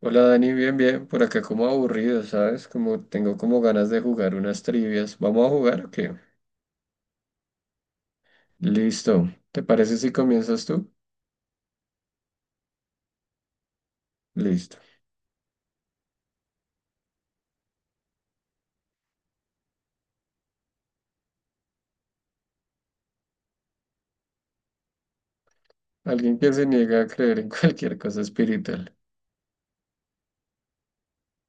Hola Dani, bien, bien, por acá como aburrido, ¿sabes? Como tengo como ganas de jugar unas trivias. ¿Vamos a jugar o qué? Listo. ¿Te parece si comienzas tú? Listo. Alguien que se niega a creer en cualquier cosa espiritual,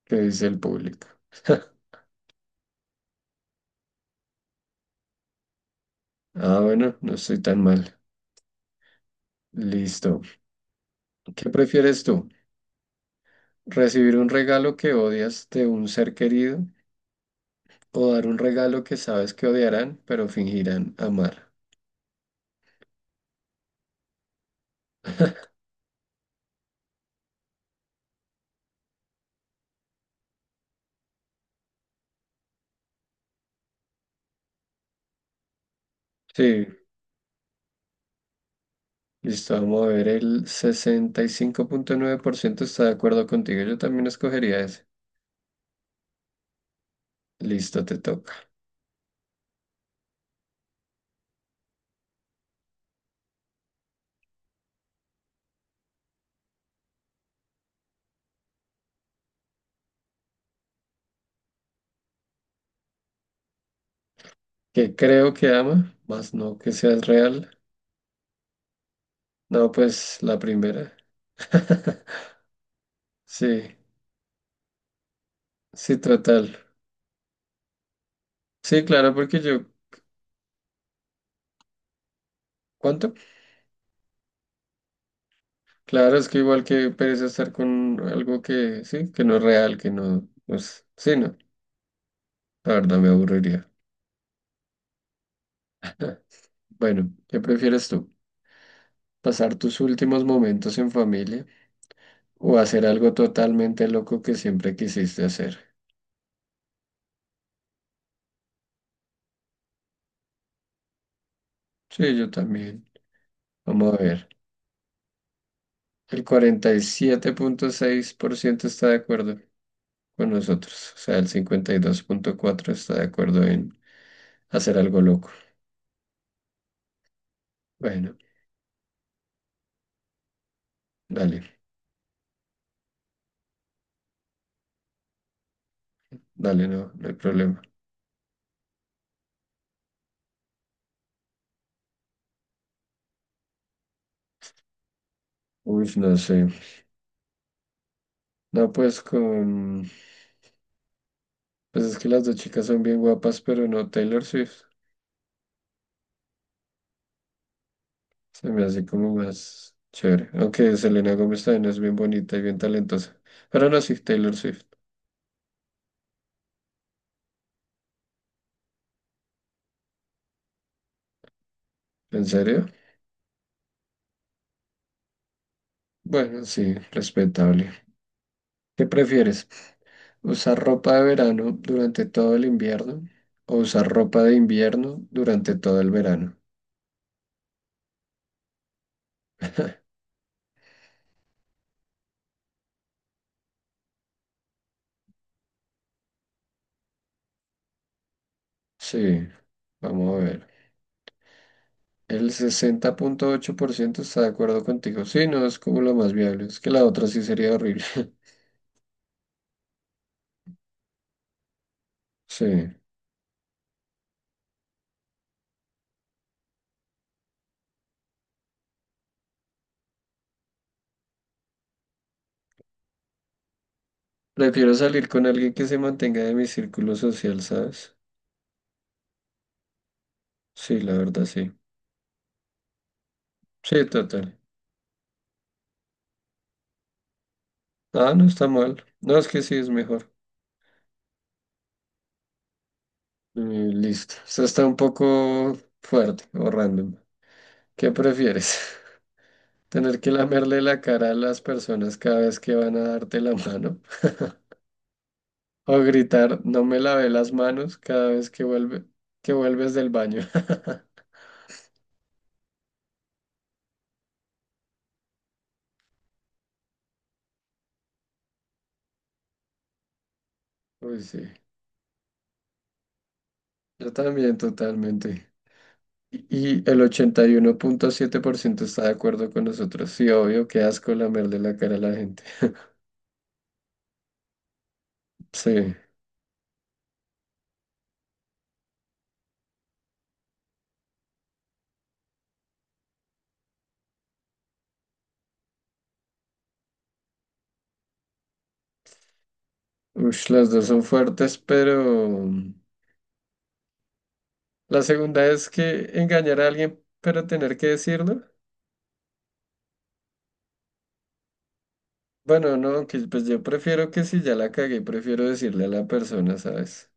que dice el público. Ah, bueno, no estoy tan mal. Listo. ¿Qué prefieres tú? ¿Recibir un regalo que odias de un ser querido o dar un regalo que sabes que odiarán, pero fingirán amar? Sí, listo, vamos a ver, el 65.9% está de acuerdo contigo. Yo también escogería ese. Listo, te toca. Que creo que ama, más no que seas real. No, pues la primera. Sí, sí, total. Sí, claro, porque yo, ¿cuánto? Claro, es que igual que pereza estar con algo que, sí, que no es real, que no, pues, sí, no, la verdad me aburriría. Bueno, ¿qué prefieres tú? ¿Pasar tus últimos momentos en familia? O hacer algo totalmente loco que siempre quisiste hacer. Sí, yo también. Vamos a ver. El 47.6% está de acuerdo con nosotros. O sea, el 52.4% está de acuerdo en hacer algo loco. Bueno, dale, dale, no, no hay problema. Uy, no sé. No, pues con... Pues es que las dos chicas son bien guapas, pero no Taylor Swift. Se me hace como más chévere. Aunque Selena Gómez también es bien bonita y bien talentosa. Pero no, sí, Taylor Swift. ¿En serio? Bueno, sí, respetable. ¿Qué prefieres? ¿Usar ropa de verano durante todo el invierno o usar ropa de invierno durante todo el verano? Sí, vamos a ver. El 60.8% está de acuerdo contigo. Sí, no, es como lo más viable. Es que la otra sí sería horrible. Sí. Prefiero salir con alguien que se mantenga de mi círculo social, ¿sabes? Sí, la verdad, sí. Sí, total. Ah, no está mal. No, es que sí, es mejor. Listo. Esto está un poco fuerte o random. ¿Qué prefieres? ¿Tener que lamerle la cara a las personas cada vez que van a darte la mano? ¿O gritar, no me lavé las manos cada vez que que vuelves del baño? Uy, sí. Yo también, totalmente. Y y el 81.7% está de acuerdo con nosotros. Sí, obvio, qué asco lamerle la cara a la gente. Sí. Uy, las dos son fuertes, pero... La segunda es que engañar a alguien, pero tener que decirlo. Bueno, no, aunque pues yo prefiero que si ya la cagué, prefiero decirle a la persona, ¿sabes?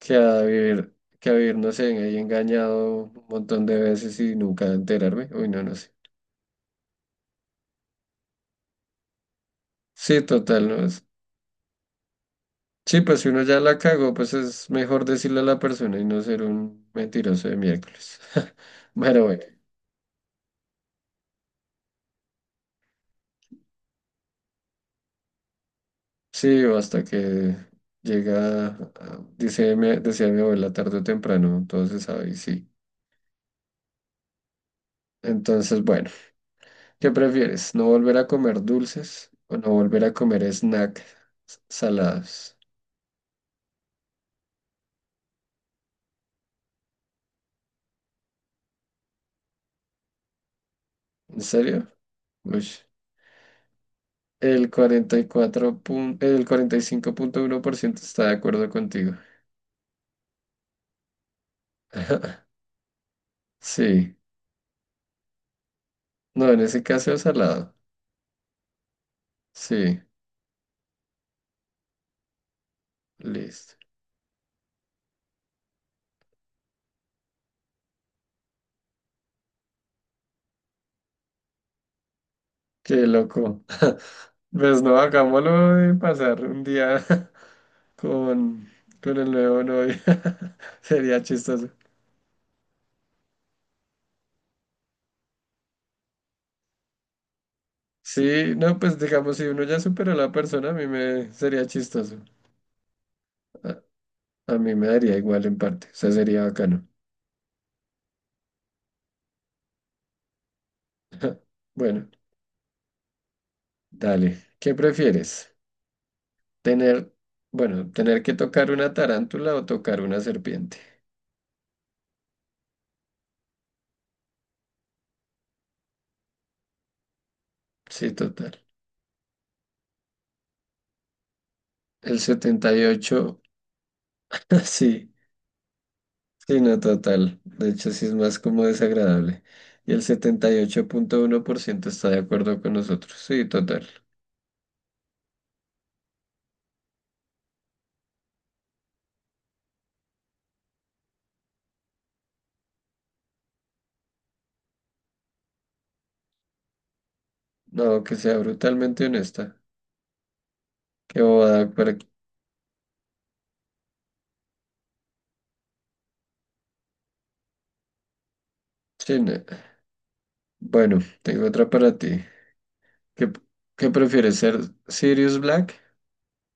Que a vivir, que a vivir, no sé, ahí engañado un montón de veces y nunca enterarme. Uy, no, no sé. Sí, total, no es. Sí, pues si uno ya la cagó, pues es mejor decirle a la persona y no ser un mentiroso de miércoles. Bueno, bueno. Sí, o hasta que llega, dice, decía mi abuela, tarde o temprano, entonces, ¿sabes? Sí. Entonces, bueno, ¿qué prefieres? ¿No volver a comer dulces o no volver a comer snacks salados? ¿En serio? Uy. El el 45.1% está de acuerdo contigo. Sí. No, en ese caso es salado. Sí, listo. Qué loco. Pues no, hagámoslo de pasar un día con, con el nuevo novio. Sería chistoso. Sí, no, pues digamos, si uno ya supera a la persona, a mí me sería chistoso. A, a mí me daría igual en parte, o sea, sería bacano. Bueno, dale. ¿Qué prefieres? Tener, bueno, tener que tocar una tarántula o tocar una serpiente. Sí, total. El 78, sí, sí, no, total. De hecho, sí es más como desagradable. Y el 78.1% está de acuerdo con nosotros. Sí, total. No, que sea brutalmente honesta. Qué bobada para... Sí, no. Bueno, tengo otra para ti. ¿Qué, ¿qué prefieres ser Sirius Black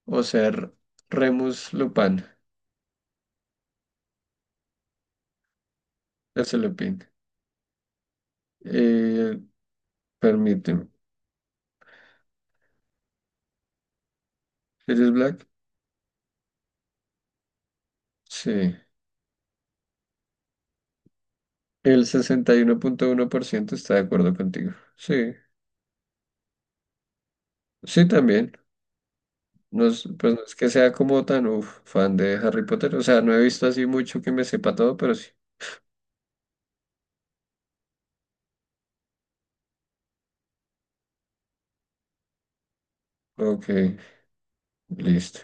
o ser Remus Lupin de Lupin? Eh, permíteme. ¿Sirius Black? Sí. El sesenta y uno uno punto uno por ciento está de acuerdo contigo. Sí, sí también. No es, pues no es que sea como tan uf, fan de Harry Potter. O sea, no he visto así mucho que me sepa todo, pero sí. Ok, listo.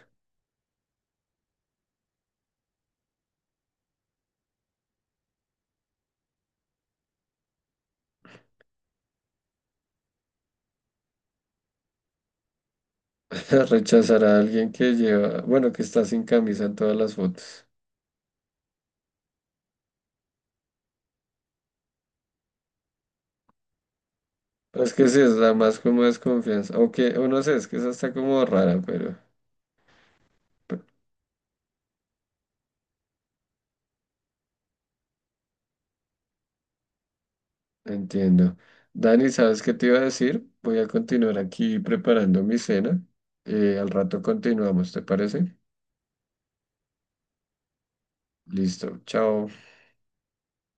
Rechazar a alguien que lleva, bueno, que está sin camisa en todas las fotos. Pues es que sí, es la más como desconfianza. O que, o no sé, es que esa está como rara, pero entiendo. Dani, ¿sabes qué te iba a decir? Voy a continuar aquí preparando mi cena. Al rato continuamos, ¿te parece? Listo, chao.